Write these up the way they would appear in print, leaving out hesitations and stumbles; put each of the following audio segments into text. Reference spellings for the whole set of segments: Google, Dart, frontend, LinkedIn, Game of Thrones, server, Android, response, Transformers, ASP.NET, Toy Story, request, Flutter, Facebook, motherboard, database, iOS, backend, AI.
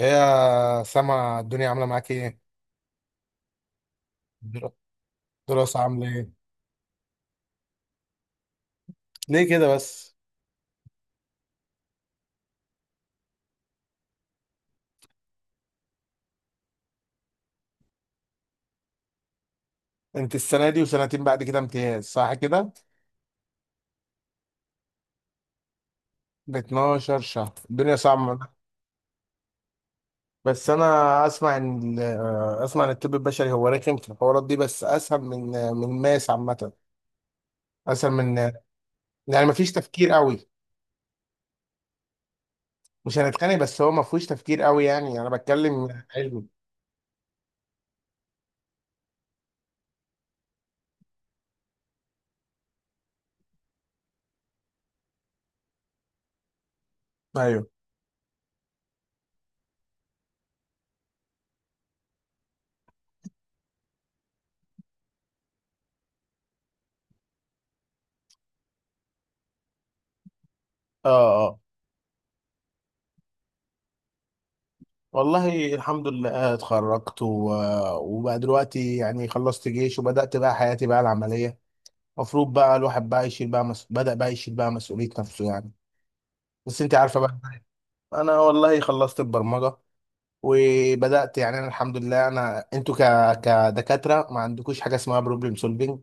ايه يا سما الدنيا عاملة معاك ايه؟ الدرا- الدراسة عاملة ايه؟ ليه كده بس؟ انت السنة دي وسنتين بعد كده امتياز صح كده؟ ب 12 شهر الدنيا صعبة. بس انا اسمع ان اسمع ان الطب البشري هو رخم في الحوارات دي بس اسهل من الماس عامة، اسهل من يعني مفيش تفكير قوي. مش هنتخانق، بس هو مفهوش تفكير قوي يعني، انا بتكلم علمي. ايوه. اه. والله الحمد لله اتخرجت وبقى دلوقتي يعني خلصت جيش، وبدأت بقى حياتي بقى العملية. المفروض بقى الواحد بقى يشيل بقى بدأ بقى يشيل بقى مسؤولية نفسه يعني. بس انت عارفة بقى. انا والله خلصت البرمجة، وبدأت يعني، انا الحمد لله، انا انتوا كدكاترة ما عندكوش حاجة اسمها بروبلم سولفينج يعني.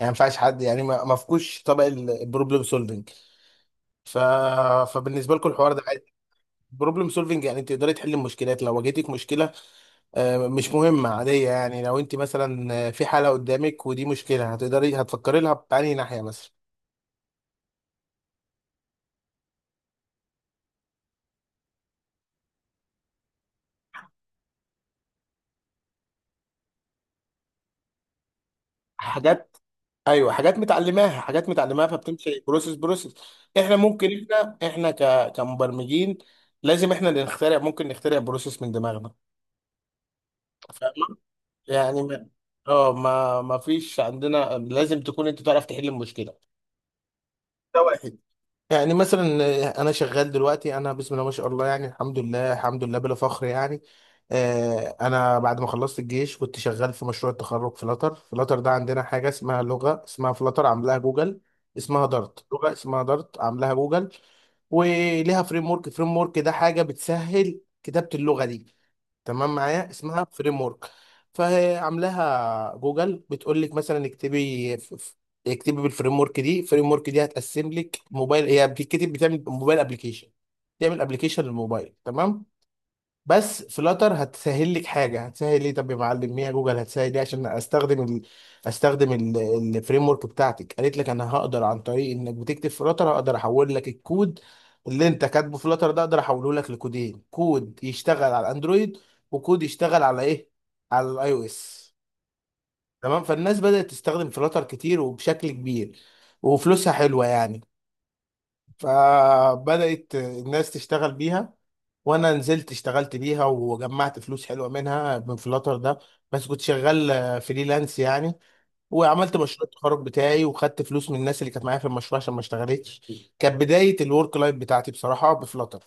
ما ينفعش حد يعني، ما فيكوش طبق البروبلم سولفينج، ف... فبالنسبة لكم الحوار ده. بروبلم سولفينج يعني انت تقدري تحلي المشكلات، لو واجهتك مشكلة مش مهمة عادية يعني، لو انت مثلا في حالة قدامك ودي مشكلة، هتقدري هتفكري لها بأنهي ناحية مثلا. حاجات. ايوه، حاجات متعلماها حاجات متعلماها، فبتمشي بروسيس بروسيس. احنا ممكن، احنا كمبرمجين، لازم احنا اللي نخترع، ممكن نخترع بروسيس من دماغنا. فاهمة؟ يعني ما... اه ما فيش عندنا، لازم تكون انت تعرف تحل المشكلة. ده واحد. يعني مثلا انا شغال دلوقتي، انا بسم الله ما شاء الله يعني، الحمد لله الحمد لله بلا فخر يعني. انا بعد ما خلصت الجيش كنت شغال في مشروع التخرج فلاتر ده عندنا حاجه اسمها لغه، اسمها فلاتر، عاملاها جوجل. اسمها دارت، لغه اسمها دارت عاملاها جوجل. وليها فريم ورك ده حاجه بتسهل كتابه اللغه دي. تمام معايا؟ اسمها فريم ورك. فهي عاملاها جوجل، بتقول لك مثلا اكتبي اكتبي بالفريم ورك دي، الفريم ورك دي هتقسم لك موبايل، هي بتكتب بتعمل موبايل ابلكيشن، تعمل ابلكيشن للموبايل، تمام؟ بس فلاتر هتسهل لك حاجه. هتسهل ليه؟ طب يا معلم، ميا جوجل هتسهل ليه عشان استخدم استخدم الفريم ورك بتاعتك. قالت لك انا هقدر، عن طريق انك بتكتب فلاتر هقدر احول لك الكود اللي انت كاتبه فلاتر ده، اقدر احوله لك لكودين: كود يشتغل على الاندرويد، وكود يشتغل على ايه؟ على الاي او اس. تمام؟ فالناس بدأت تستخدم فلاتر كتير وبشكل كبير، وفلوسها حلوه يعني، فبدأت الناس تشتغل بيها. وانا نزلت اشتغلت بيها وجمعت فلوس حلوه منها من فلاتر ده. بس كنت شغال فريلانس يعني، وعملت مشروع التخرج بتاعي، وخدت فلوس من الناس اللي كانت معايا في المشروع عشان ما اشتغلتش. كانت بدايه الورك لايف بتاعتي بصراحه بفلاتر.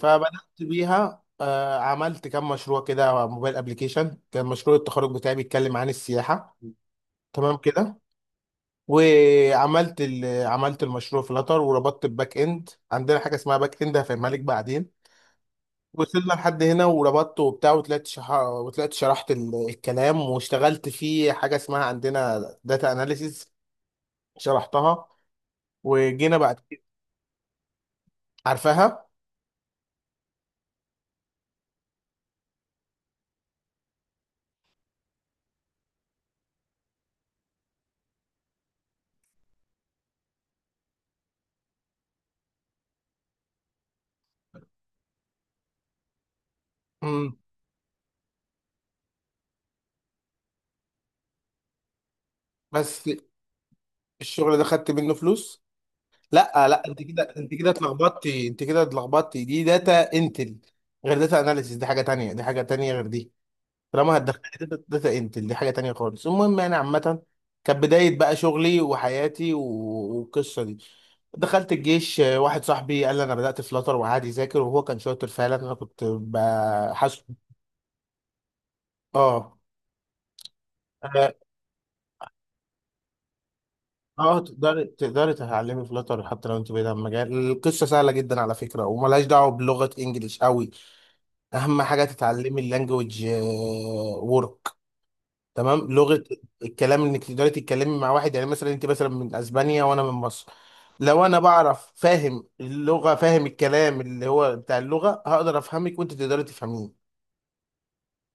فبدات بيها عملت كام مشروع كده موبايل ابلكيشن. كان مشروع التخرج بتاعي بيتكلم عن السياحه، تمام كده؟ وعملت عملت المشروع في لاتر، وربطت الباك اند. عندنا حاجه اسمها باك اند هفهمها لك بعدين، وصلنا لحد هنا. وربطته وبتاع، وطلعت وطلعت شرحت الكلام، واشتغلت في حاجه اسمها عندنا داتا اناليسيز. شرحتها، وجينا بعد كده. عارفاها. امم. بس الشغل ده خدت منه فلوس. لا لا، انت كده اتلخبطتي، انت كده اتلخبطتي. دي داتا انتل، غير داتا اناليسيز. دي حاجه تانية، دي حاجه تانية غير دي. طالما هتدخلي داتا انت، دي حاجه تانية خالص. المهم يعني عامه، كانت بدايه بقى شغلي وحياتي، والقصه دي. دخلت الجيش واحد صاحبي قال لي، انا بدات فلاتر وقعد يذاكر، وهو كان شاطر فعلا، انا كنت بحاسب. اه. اه. تقدري تتعلمي فلاتر حتى لو انت بعيد عن المجال، القصه سهله جدا على فكره، وملهاش دعوه بلغه انجليش قوي. اهم حاجه تتعلمي اللانجوج وورك. تمام؟ لغه الكلام انك تقدري تتكلمي مع واحد، يعني مثلا انت مثلا من اسبانيا وانا من مصر، لو انا بعرف فاهم اللغه، فاهم الكلام اللي هو بتاع اللغه، هقدر افهمك وانت تقدري تفهميني.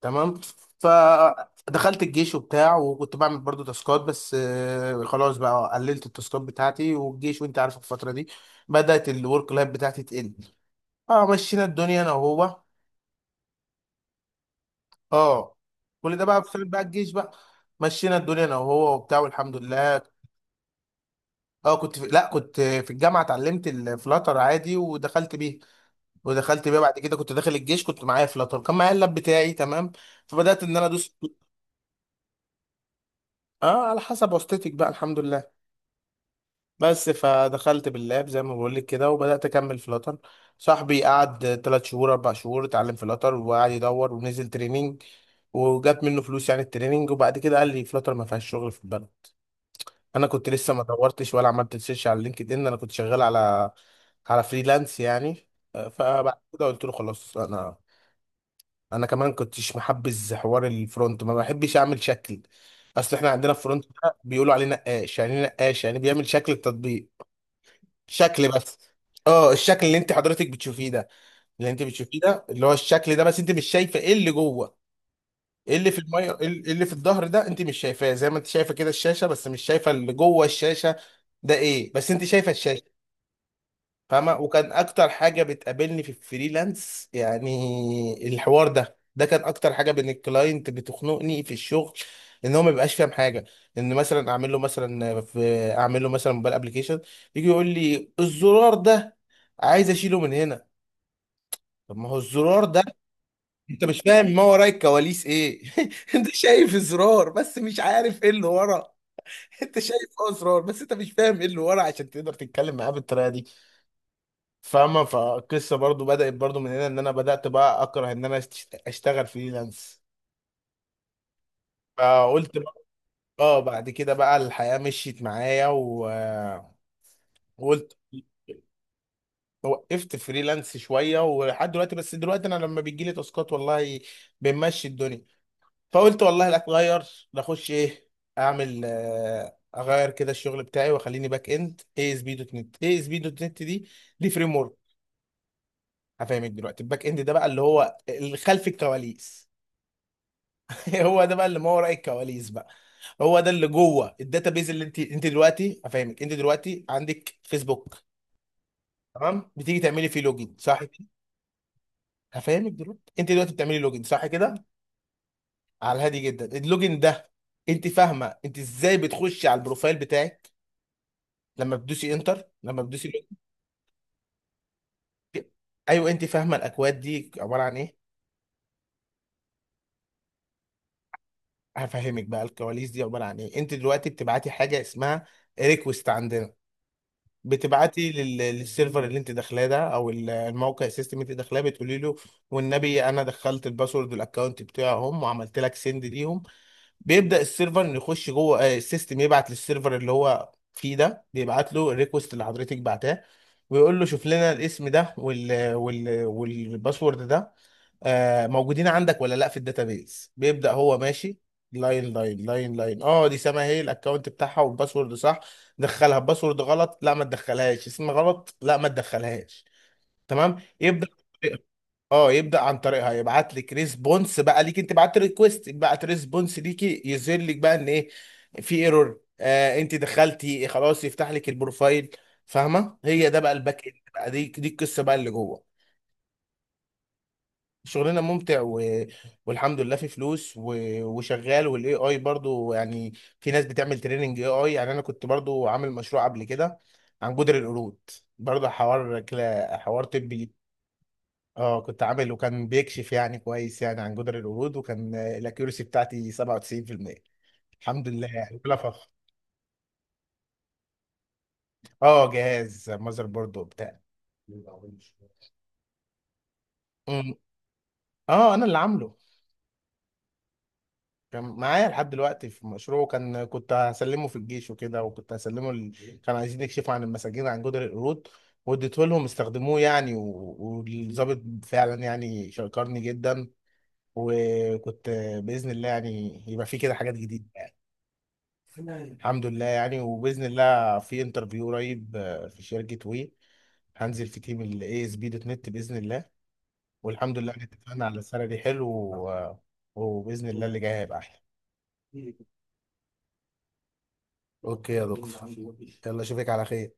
تمام؟ فدخلت الجيش وبتاع، وكنت بعمل برضو تاسكات، بس خلاص بقى قللت التاسكات بتاعتي، والجيش وانت عارف الفتره دي. بدات الورك لايف بتاعتي تقل. اه، مشينا الدنيا انا وهو. اه، كل ده بقى بسبب بقى الجيش بقى. مشينا الدنيا انا وهو وبتاع، والحمد لله. اه كنت لا، كنت في الجامعه اتعلمت الفلاتر عادي ودخلت بيه بعد كده، كنت داخل الجيش كنت معايا فلاتر، كان معايا اللاب بتاعي، تمام؟ فبدات ان انا ادوس. اه على حسب واسطتك بقى، الحمد لله. بس فدخلت باللاب زي ما بقول لك كده، وبدات اكمل فلاتر. صاحبي قعد ثلاث شهور اربع شهور اتعلم فلاتر، وقعد يدور ونزل تريننج، وجات منه فلوس يعني التريننج. وبعد كده قال لي فلاتر ما فيهاش شغل في البلد. انا كنت لسه ما دورتش ولا عملت سيرش على لينكد ان، انا كنت شغال على، على فريلانس يعني. فبعد كده قلت له خلاص، انا انا كمان كنتش محبذ حوار الفرونت، ما بحبش اعمل شكل. اصل احنا عندنا فرونت ده بيقولوا عليه نقاش، يعني إيه نقاش؟ يعني بيعمل شكل التطبيق، شكل بس. اه الشكل اللي انت حضرتك بتشوفيه ده، اللي انت بتشوفيه ده اللي هو الشكل ده، بس انت مش شايفه ايه اللي جوه. إيه اللي في الميه، إيه اللي في الظهر ده؟ انت مش شايفاه، زي ما انت شايفه كده الشاشه، بس مش شايفه اللي جوه الشاشه، ده ايه؟ بس انت شايفه الشاشه. فاهمه؟ وكان اكتر حاجه بتقابلني في الفريلانس يعني الحوار ده، ده كان اكتر حاجه بين الكلاينت بتخنقني في الشغل. ان هو ما بيبقاش فاهم حاجه. ان مثلا اعمل له مثلا، في اعمل له مثلا موبايل ابلكيشن، يجي يقول لي الزرار ده عايز اشيله من هنا. طب ما هو الزرار ده، انت مش فاهم ما وراء الكواليس ايه. انت شايف زرار بس مش عارف ايه اللي ورا. انت شايف اه زرار، بس انت مش فاهم ايه اللي ورا، عشان تقدر تتكلم معاه بالطريقه دي. فاهمه؟ فالقصه برضو بدات برضو من هنا، ان انا بدات بقى اكره ان انا اشتغل فريلانس. فقلت بقى، اه بعد كده بقى الحياه مشيت معايا وقلت، وقفت فريلانس شويه ولحد دلوقتي. بس دلوقتي انا لما بيجي لي تاسكات، والله بنمشي الدنيا. فقلت والله لا اتغير، نخش ايه؟ اعمل اغير كده الشغل بتاعي، واخليني باك اند اي اس بي دوت نت. اي اس بي دوت نت دي فريم ورك. هفهمك دلوقتي، الباك اند ده بقى اللي هو اللي خلف الكواليس. هو ده بقى اللي ما وراء الكواليس بقى. هو ده اللي جوه الداتابيز، اللي انت دلوقتي، هفهمك، انت دلوقتي عندك فيسبوك، تمام؟ بتيجي تعملي فيه لوجين، صح كده؟ هفهمك دلوقتي، انت دلوقتي بتعملي لوجين، صح كده؟ على الهادي جدا، اللوجين ده، انت فاهمه انت ازاي بتخشي على البروفايل بتاعك، لما بتدوسي انتر، لما بتدوسي. ايوه، انت فاهمه الاكواد دي عباره عن ايه؟ هفهمك بقى الكواليس دي عباره عن ايه. انت دلوقتي بتبعتي حاجه اسمها ريكوست عندنا. بتبعتي للسيرفر اللي انت داخلاه ده، او الموقع السيستم اللي انت داخلاه، بتقولي له والنبي انا دخلت الباسورد والاكونت بتاعهم وعملت لك سند ليهم. بيبدا السيرفر إنه يخش جوه السيستم، يبعت للسيرفر اللي هو فيه ده، بيبعت له الريكوست اللي حضرتك بعتاه، ويقول له شوف لنا الاسم ده والباسورد ده موجودين عندك ولا لا في الداتابيز. بيبدأ هو ماشي لاين لاين لاين لاين. اه دي سما، هي الاكونت بتاعها والباسورد صح، دخلها. باسورد غلط، لا ما تدخلهاش. اسم غلط، لا ما تدخلهاش. تمام؟ يبدأ، اه، يبدأ عن طريقها يبعت لك ريسبونس بقى ليك، انت بعت ريكوست، بعت ريسبونس ليكي، يظهر لك بقى ان ايه، في ايرور، انت دخلتي خلاص يفتح لك البروفايل. فاهمه؟ هي ده بقى الباك اند بقى، دي القصه بقى اللي جوه. شغلنا ممتع والحمد لله في فلوس وشغال. والاي اي برضو يعني، في ناس بتعمل تريننج اي اي يعني. انا كنت برضو عامل مشروع قبل كده عن جدر القرود، برضو حوار حوار طبي. اه كنت عامل، وكان بيكشف يعني كويس يعني عن جدر القرود، وكان الاكيورسي بتاعتي 97%. الحمد لله يعني، بلا فخر. اه جهاز ماذر بورد وبتاع. مم. اه انا اللي عامله، كان معايا لحد دلوقتي في مشروعه، كان كنت هسلمه في الجيش وكده، وكنت هسلمه كانوا عايزين يكشفوا عن المساجين عن جدر القرود، واديته لهم استخدموه يعني، والضابط فعلا يعني شكرني جدا، وكنت، بإذن الله يعني يبقى في كده حاجات جديدة يعني. الحمد لله يعني، وبإذن الله في انترفيو قريب في شركة وي، هنزل في تيم ال ASP دوت نت بإذن الله. والحمد لله إن اتفقنا على سالري حلو وبإذن الله اللي جاي هيبقى أحلى. اوكي يا دكتور، يلا اشوفك على خير.